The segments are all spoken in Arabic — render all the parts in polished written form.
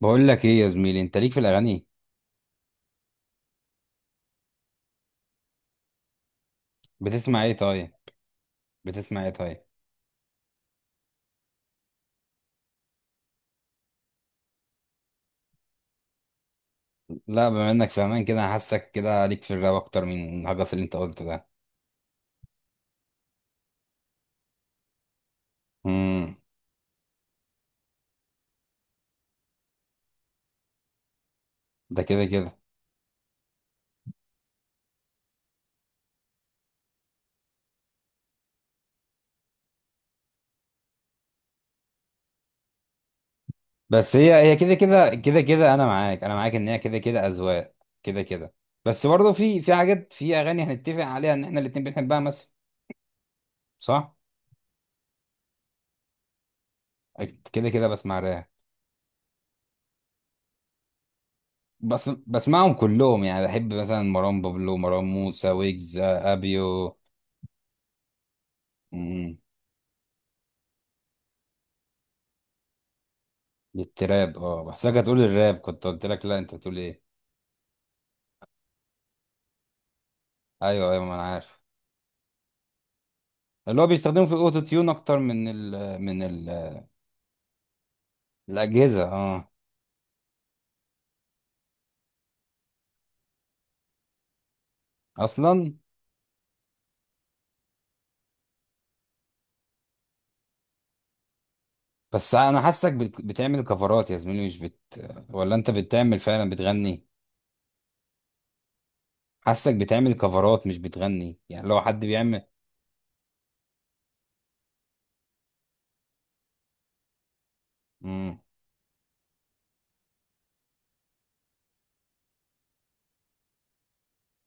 بقول لك ايه يا زميلي، انت ليك في الاغاني؟ بتسمع ايه طيب؟ بتسمع ايه طيب؟ لا، بما انك فاهمان كده حاسك كده ليك في الراب اكتر من الهجس اللي انت قلته ده. امم. ده كده كده. بس هي كده كده كده كده انا معاك انا معاك ان هي كده كده اذواق. كده كده. بس برضه في حاجات في اغاني هنتفق عليها ان احنا الاتنين بنحبها مثلا. صح. أكيد كده كده بسمع راب. بس بسمعهم كلهم يعني بحب مثلا مروان بابلو مروان موسى ويجز ابيو. للتراب، اه، بحسك هتقول الراب، كنت قلت لك لا، انت بتقول ايه؟ ايوه ايوه، ما انا عارف. اللي هو بيستخدمه في الاوتو تيون اكتر من ال. الاجهزه، اه. اصلا. بس انا حاسك بتعمل كفرات يا زميلي، مش بت. ولا انت بتعمل فعلا، بتغني؟ حاسك بتعمل كفرات مش بتغني، يعني لو حد بيعمل. امم.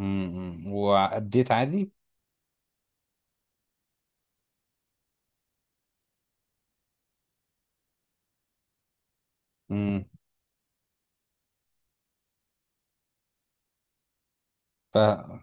واديت عادي. امم. فا-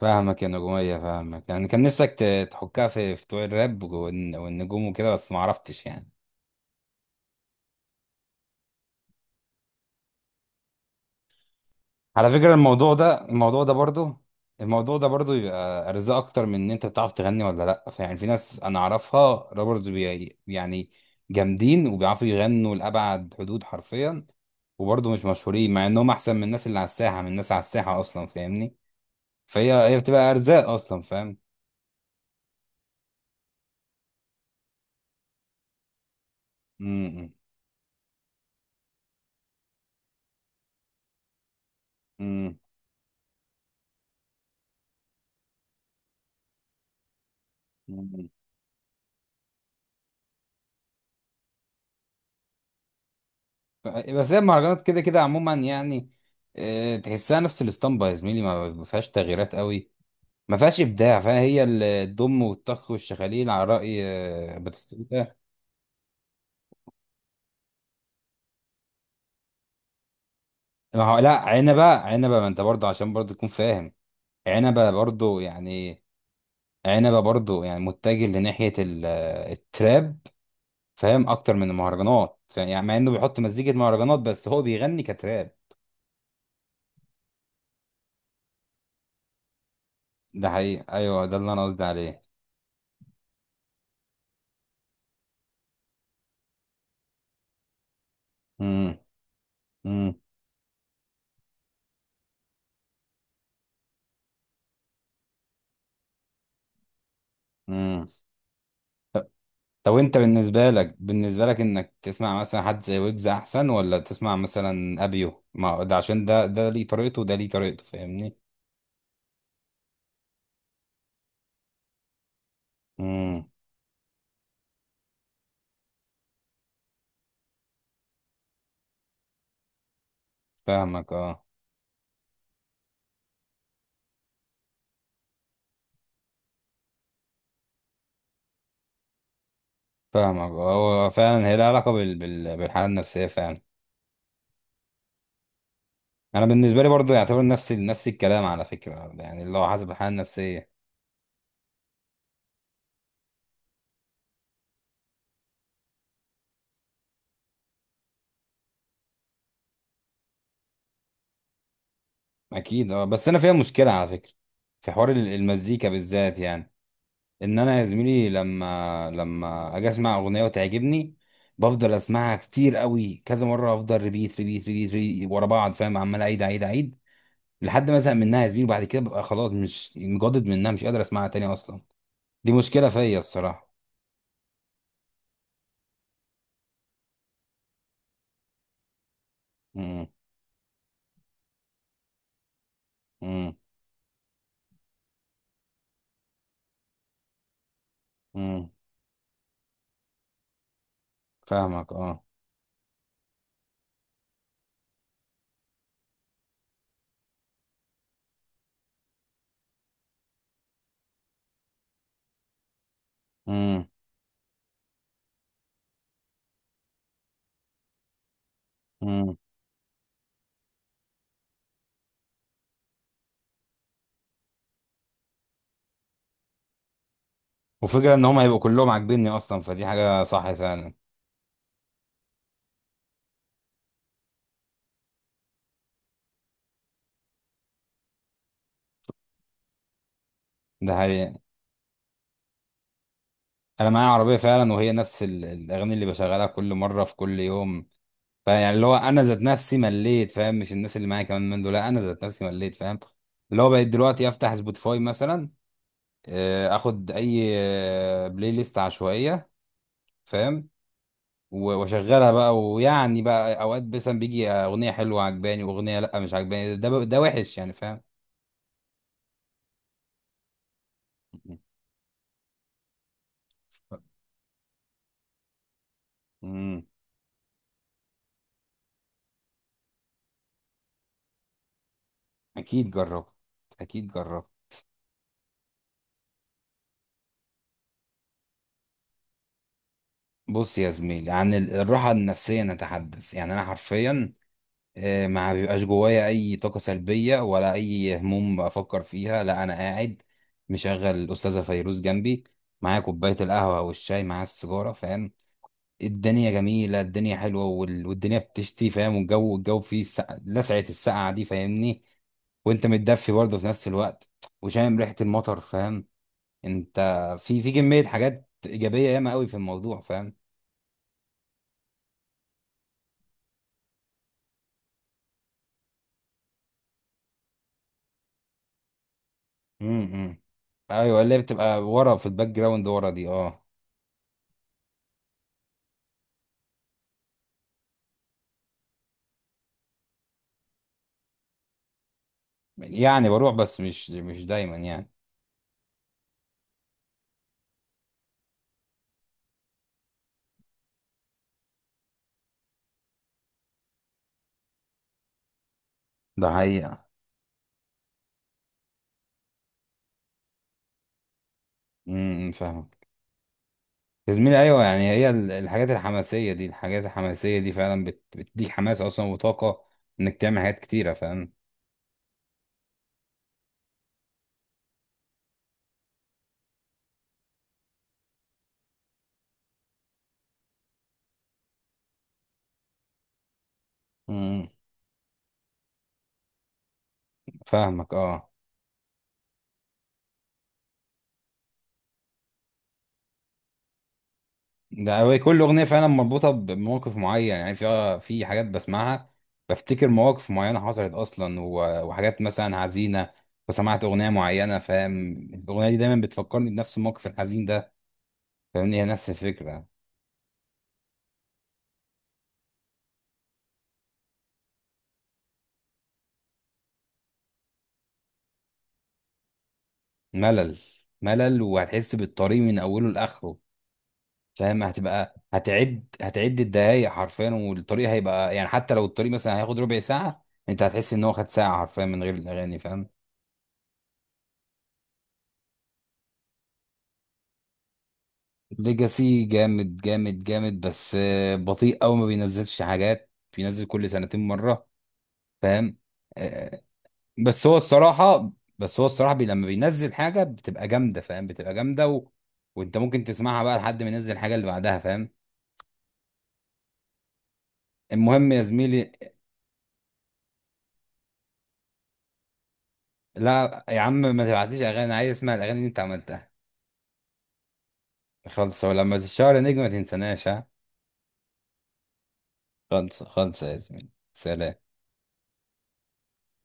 فاهمك يا نجومية، فاهمك، يعني كان نفسك تحكها في بتوع الراب والنجوم وكده، بس ما عرفتش يعني. على فكرة، الموضوع ده برضو يبقى ارزاق اكتر من ان انت بتعرف تغني ولا لا. فيعني، في ناس انا اعرفها. رابرز، يعني جامدين وبيعرفوا يغنوا لابعد حدود حرفيا. وبرضو مش مشهورين مع انهم احسن من الناس اللي على الساحة، اصلا، فاهمني. فهي بتبقى ارزاق اصلا، فاهم. امم. امم. أمم. بس هي المهرجانات كده كده عموما يعني. تحسها نفس الاسطمبة يا زميلي، ما فيهاش تغييرات قوي. ما فيهاش ابداع فيها، هي الضم والطخ والشخاليل على راي باتيستوتا. ما هو لا، عنبه عنبه، ما انت برضه عشان برضه تكون فاهم. عنبه برضه يعني. عنبه برضه يعني متجه لناحيه التراب. فاهم، اكتر من المهرجانات، فاهم؟ يعني مع انه بيحط مزيكه مهرجانات بس هو بيغني كتراب. ده حقيقي، ايوه، ده اللي انا قصدي عليه. امم. امم. امم. طب، انت بالنسبة لك انك تسمع مثلا حد زي ويجز احسن، ولا تسمع مثلا ابيو؟ ما هو ده عشان ده ليه طريقته وده ليه طريقته، فاهمني. امم. فاهمك، اه. فاهمك، اه، هو فعلا، هي لها علاقة بالحالة النفسية فعلا. انا بالنسبة لي برضه يعتبر نفس نفس الكلام على فكرة، يعني اللي هو حسب الحالة النفسية. اكيد، اه، بس انا فيها مشكلة على فكرة. في حوار المزيكا بالذات يعني. ان انا يا زميلي لما اجي اسمع اغنيه وتعجبني. بفضل اسمعها كتير قوي، كذا مره، افضل ريبيت ريبيت ريبيت، ريبيت ورا بعض، فاهم، عمال اعيد اعيد اعيد. لحد ما ازهق منها يا زميلي، وبعد كده ببقى خلاص مش مجدد منها، مش قادر اسمعها تاني اصلا. دي مشكله فيا الصراحه. امم. امم. امم. فاهمك، اه. امم. امم. وفكره ان هم هيبقوا كلهم عاجبيني اصلا، فدي حاجه صح فعلا. ده حقيقي. انا معايا عربيه فعلا، وهي نفس الاغاني اللي بشغلها كل مره في كل يوم. فيعني اللي هو انا ذات نفسي مليت، فاهم، مش الناس اللي معايا كمان من دول، لا انا ذات نفسي مليت، فاهم. اللي هو بقيت دلوقتي افتح سبوتيفاي مثلا. اخد اي بلاي ليست عشوائيه. فاهم. واشغلها بقى، ويعني بقى اوقات مثلا بيجي اغنيه حلوه عجباني، واغنيه لا مش عجباني، ده وحش يعني، فاهم. امم. اكيد جربت. اكيد جربت. بص يا زميلي، عن الراحه النفسيه نتحدث، يعني انا حرفيا ما بيبقاش جوايا اي طاقه سلبيه ولا اي هموم بفكر فيها، لا انا قاعد مشغل الاستاذه فيروز جنبي. معايا كوبايه القهوه والشاي، معايا السيجاره، فاهم. الدنيا جميله، الدنيا حلوه، والدنيا بتشتي، فاهم، والجو فيه السقع، لسعه السقعه دي، فاهمني. وانت متدفي برضه في نفس الوقت. وشامم ريحه المطر، فاهم. انت. في كميه حاجات ايجابيه ياما قوي في الموضوع، فاهم. امم. ايوه، اللي هي بتبقى ورا في الباك جراوند ورا دي، اه. يعني بروح، بس مش دايما يعني. ده حقيقة. امم. فاهمك. يا زميلي ايوه، يعني هي الحاجات الحماسيه دي الحاجات الحماسيه دي فعلا بتديك حماس اصلا وطاقه، انك تعمل حاجات كتيره، فاهم. مم. فاهمك، اه. ده هو، كل اغنيه فعلا مربوطه بموقف معين، يعني في حاجات بسمعها. بفتكر مواقف معينه حصلت اصلا، وحاجات مثلا حزينه. وسمعت اغنيه معينه، فاهم. الاغنيه دي دايما بتفكرني بنفس الموقف الحزين ده. فاهمني، هي نفس الفكره. ملل. ملل، وهتحس بالطريق من اوله لاخره. فاهم، هتبقى هتعد الدقايق حرفيا، والطريق هيبقى يعني حتى لو الطريق مثلا هياخد ربع ساعه، انت هتحس ان هو خد ساعه حرفيا من غير الاغاني، فاهم. ليجاسي جامد جامد جامد، بس بطيء قوي، ما بينزلش حاجات. بينزل كل سنتين مره. فاهم. آه، بس هو الصراحه. بس هو الصراحه، لما بينزل حاجه بتبقى جامده، فاهم، بتبقى جامده وانت ممكن تسمعها بقى لحد ما ينزل الحاجه اللي بعدها، فاهم. المهم يا زميلي. لا يا عم، ما تبعتليش اغاني، أنا عايز اسمع الاغاني اللي انت عملتها. خلص، ولما تتشهر يا نجم ما تنساناش، ها. خلص خلص يا زميلي، سلام.